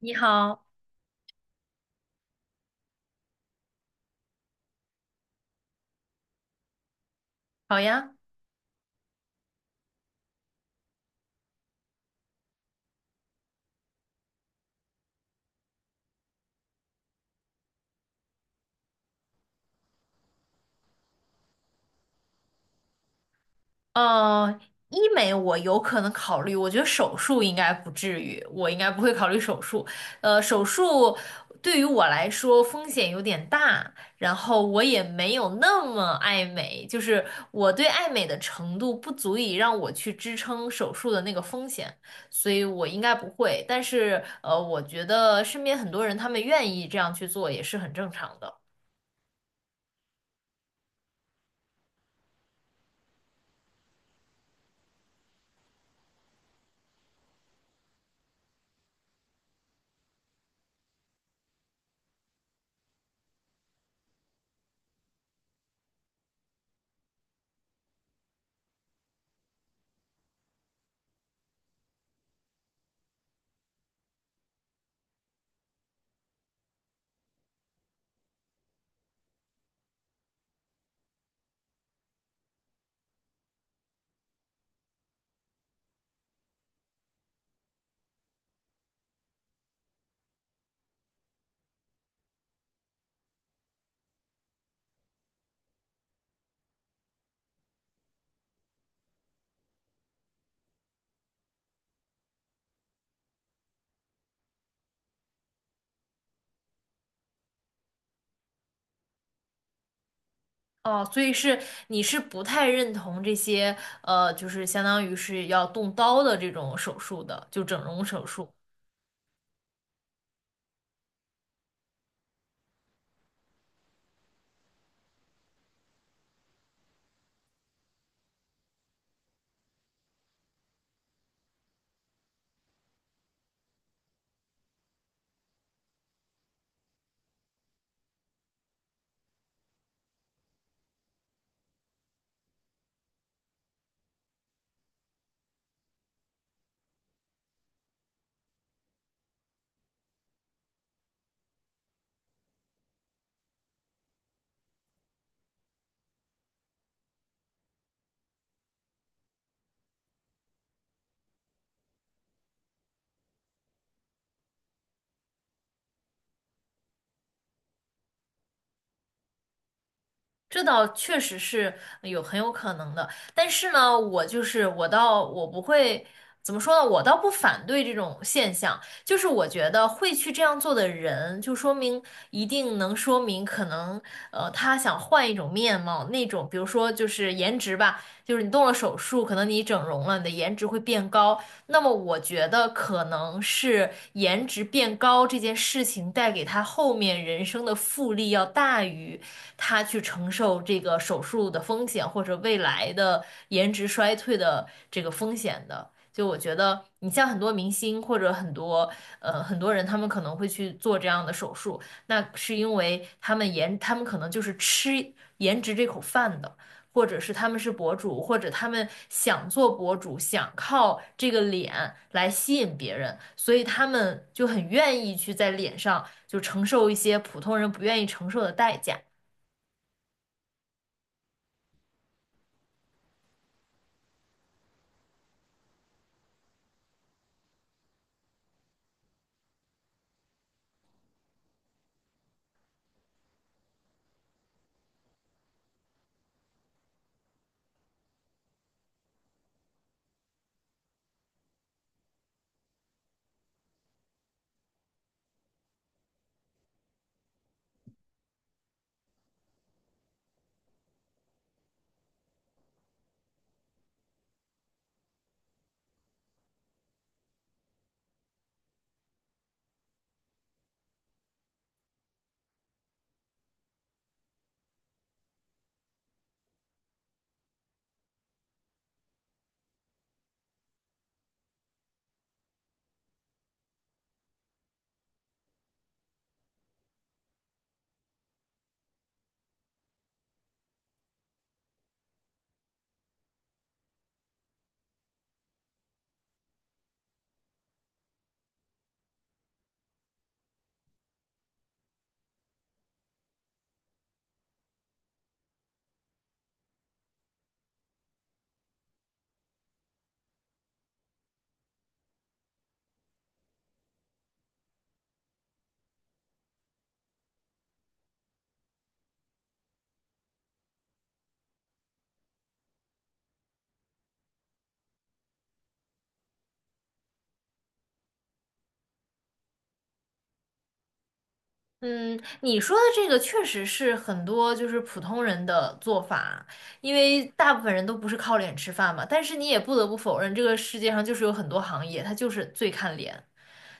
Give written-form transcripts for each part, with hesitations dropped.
你好，好呀。呃，医美我有可能考虑，我觉得手术应该不至于，我应该不会考虑手术。手术对于我来说风险有点大，然后我也没有那么爱美，就是我对爱美的程度不足以让我去支撑手术的那个风险，所以我应该不会。但是,我觉得身边很多人他们愿意这样去做也是很正常的。哦，所以是你是不太认同这些，呃，就是相当于是要动刀的这种手术的，就整容手术。这倒确实是有很有可能的，但是呢，我就是我倒我不会怎么说呢，我倒不反对这种现象，就是我觉得会去这样做的人，就说明可能他想换一种面貌，那种比如说就是颜值吧，就是你动了手术，可能你整容了，你的颜值会变高，那么我觉得可能是颜值变高这件事情带给他后面人生的复利要大于。他去承受这个手术的风险或者未来的颜值衰退的这个风险的。就我觉得，你像很多明星或者很多人，他们可能会去做这样的手术，那是因为他们可能就是吃颜值这口饭的。或者是他们是博主，或者他们想做博主，想靠这个脸来吸引别人，所以他们就很愿意去在脸上就承受一些普通人不愿意承受的代价。嗯，你说的这个确实是很多就是普通人的做法，因为大部分人都不是靠脸吃饭嘛。但是你也不得不否认，这个世界上就是有很多行业，它就是最看脸。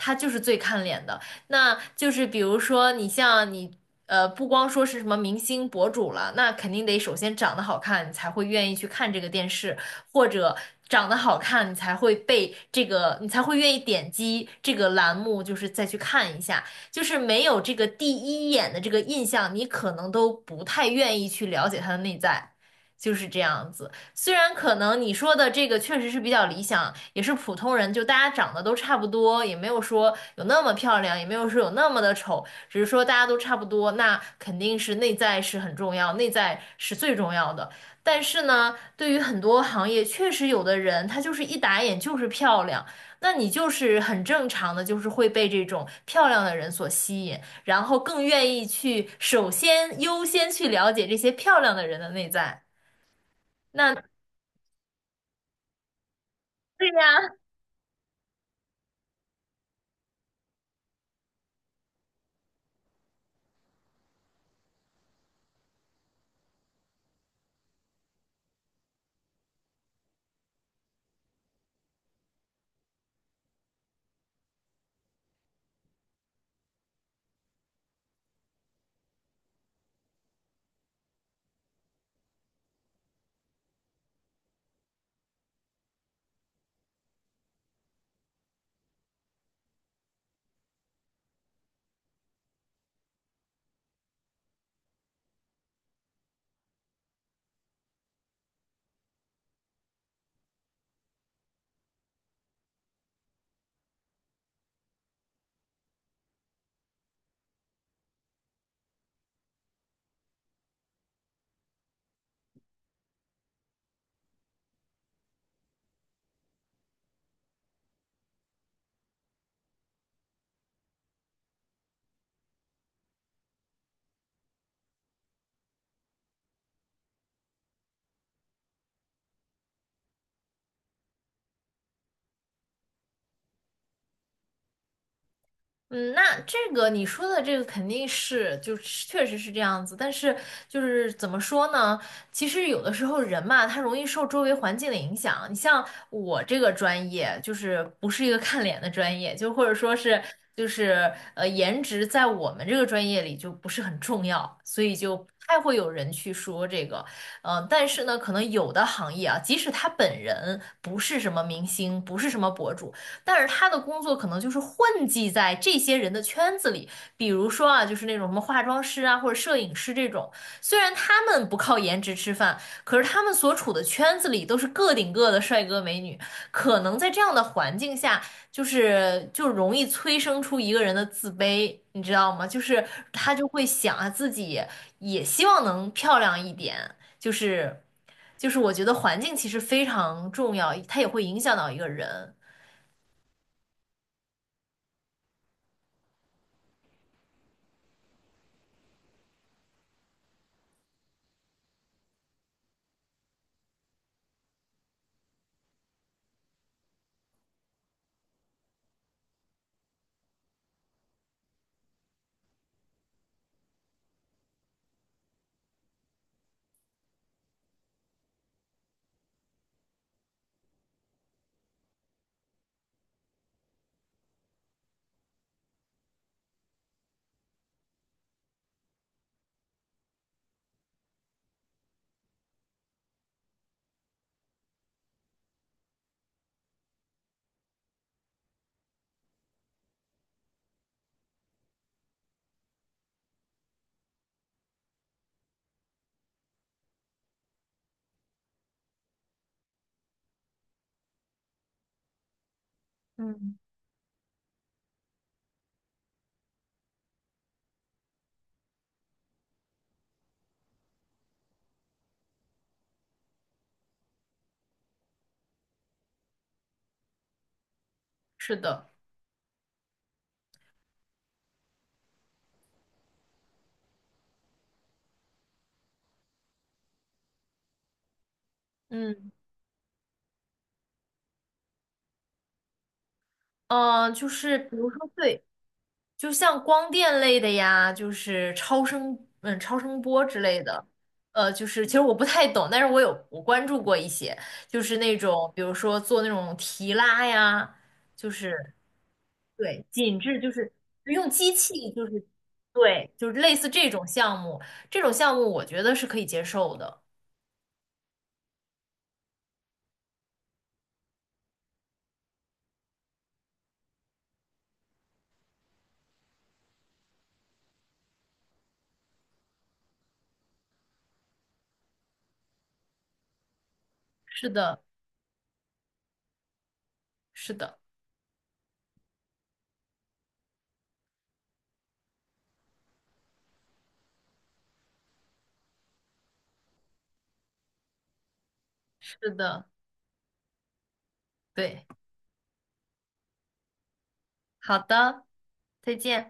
他就是最看脸的。那就是比如说你像你，呃，不光说是什么明星博主了，那肯定得首先长得好看，你才会愿意去看这个电视，或者长得好看，你才会愿意点击这个栏目，就是再去看一下。就是没有这个第一眼的这个印象，你可能都不太愿意去了解他的内在，就是这样子。虽然可能你说的这个确实是比较理想，也是普通人，就大家长得都差不多，也没有说有那么漂亮，也没有说有那么的丑，只是说大家都差不多，那肯定是内在是很重要，内在是最重要的。但是呢，对于很多行业，确实有的人他就是一打眼就是漂亮，那你就是很正常的，就是会被这种漂亮的人所吸引，然后更愿意去首先优先去了解这些漂亮的人的内在。那对呀。嗯，那这个你说的这个肯定是，就是确实是这样子。但是就是怎么说呢？其实有的时候人嘛，他容易受周围环境的影响。你像我这个专业，就是不是一个看脸的专业，就或者说是就是呃，颜值在我们这个专业里就不是很重要，所以就不太会有人去说这个。但是呢，可能有的行业啊，即使他本人不是什么明星，不是什么博主。但是他的工作可能就是混迹在这些人的圈子里，比如说啊，就是那种什么化妆师啊，或者摄影师这种。虽然他们不靠颜值吃饭，可是他们所处的圈子里都是个顶个的帅哥美女，可能在这样的环境下，就容易催生出一个人的自卑，你知道吗？就是他就会想啊，自己也希望能漂亮一点，就是我觉得环境其实非常重要，它也会影响到一个人。嗯，是的，嗯，就是比如说，对，就像光电类的呀，就是超声，嗯，超声波之类的，呃，就是其实我不太懂，但是我关注过一些，就是那种比如说做那种提拉呀，就是对紧致，就是就用机器，就是对，就是类似这种项目，这种项目我觉得是可以接受的。是的，是的，是的，对，好的，再见。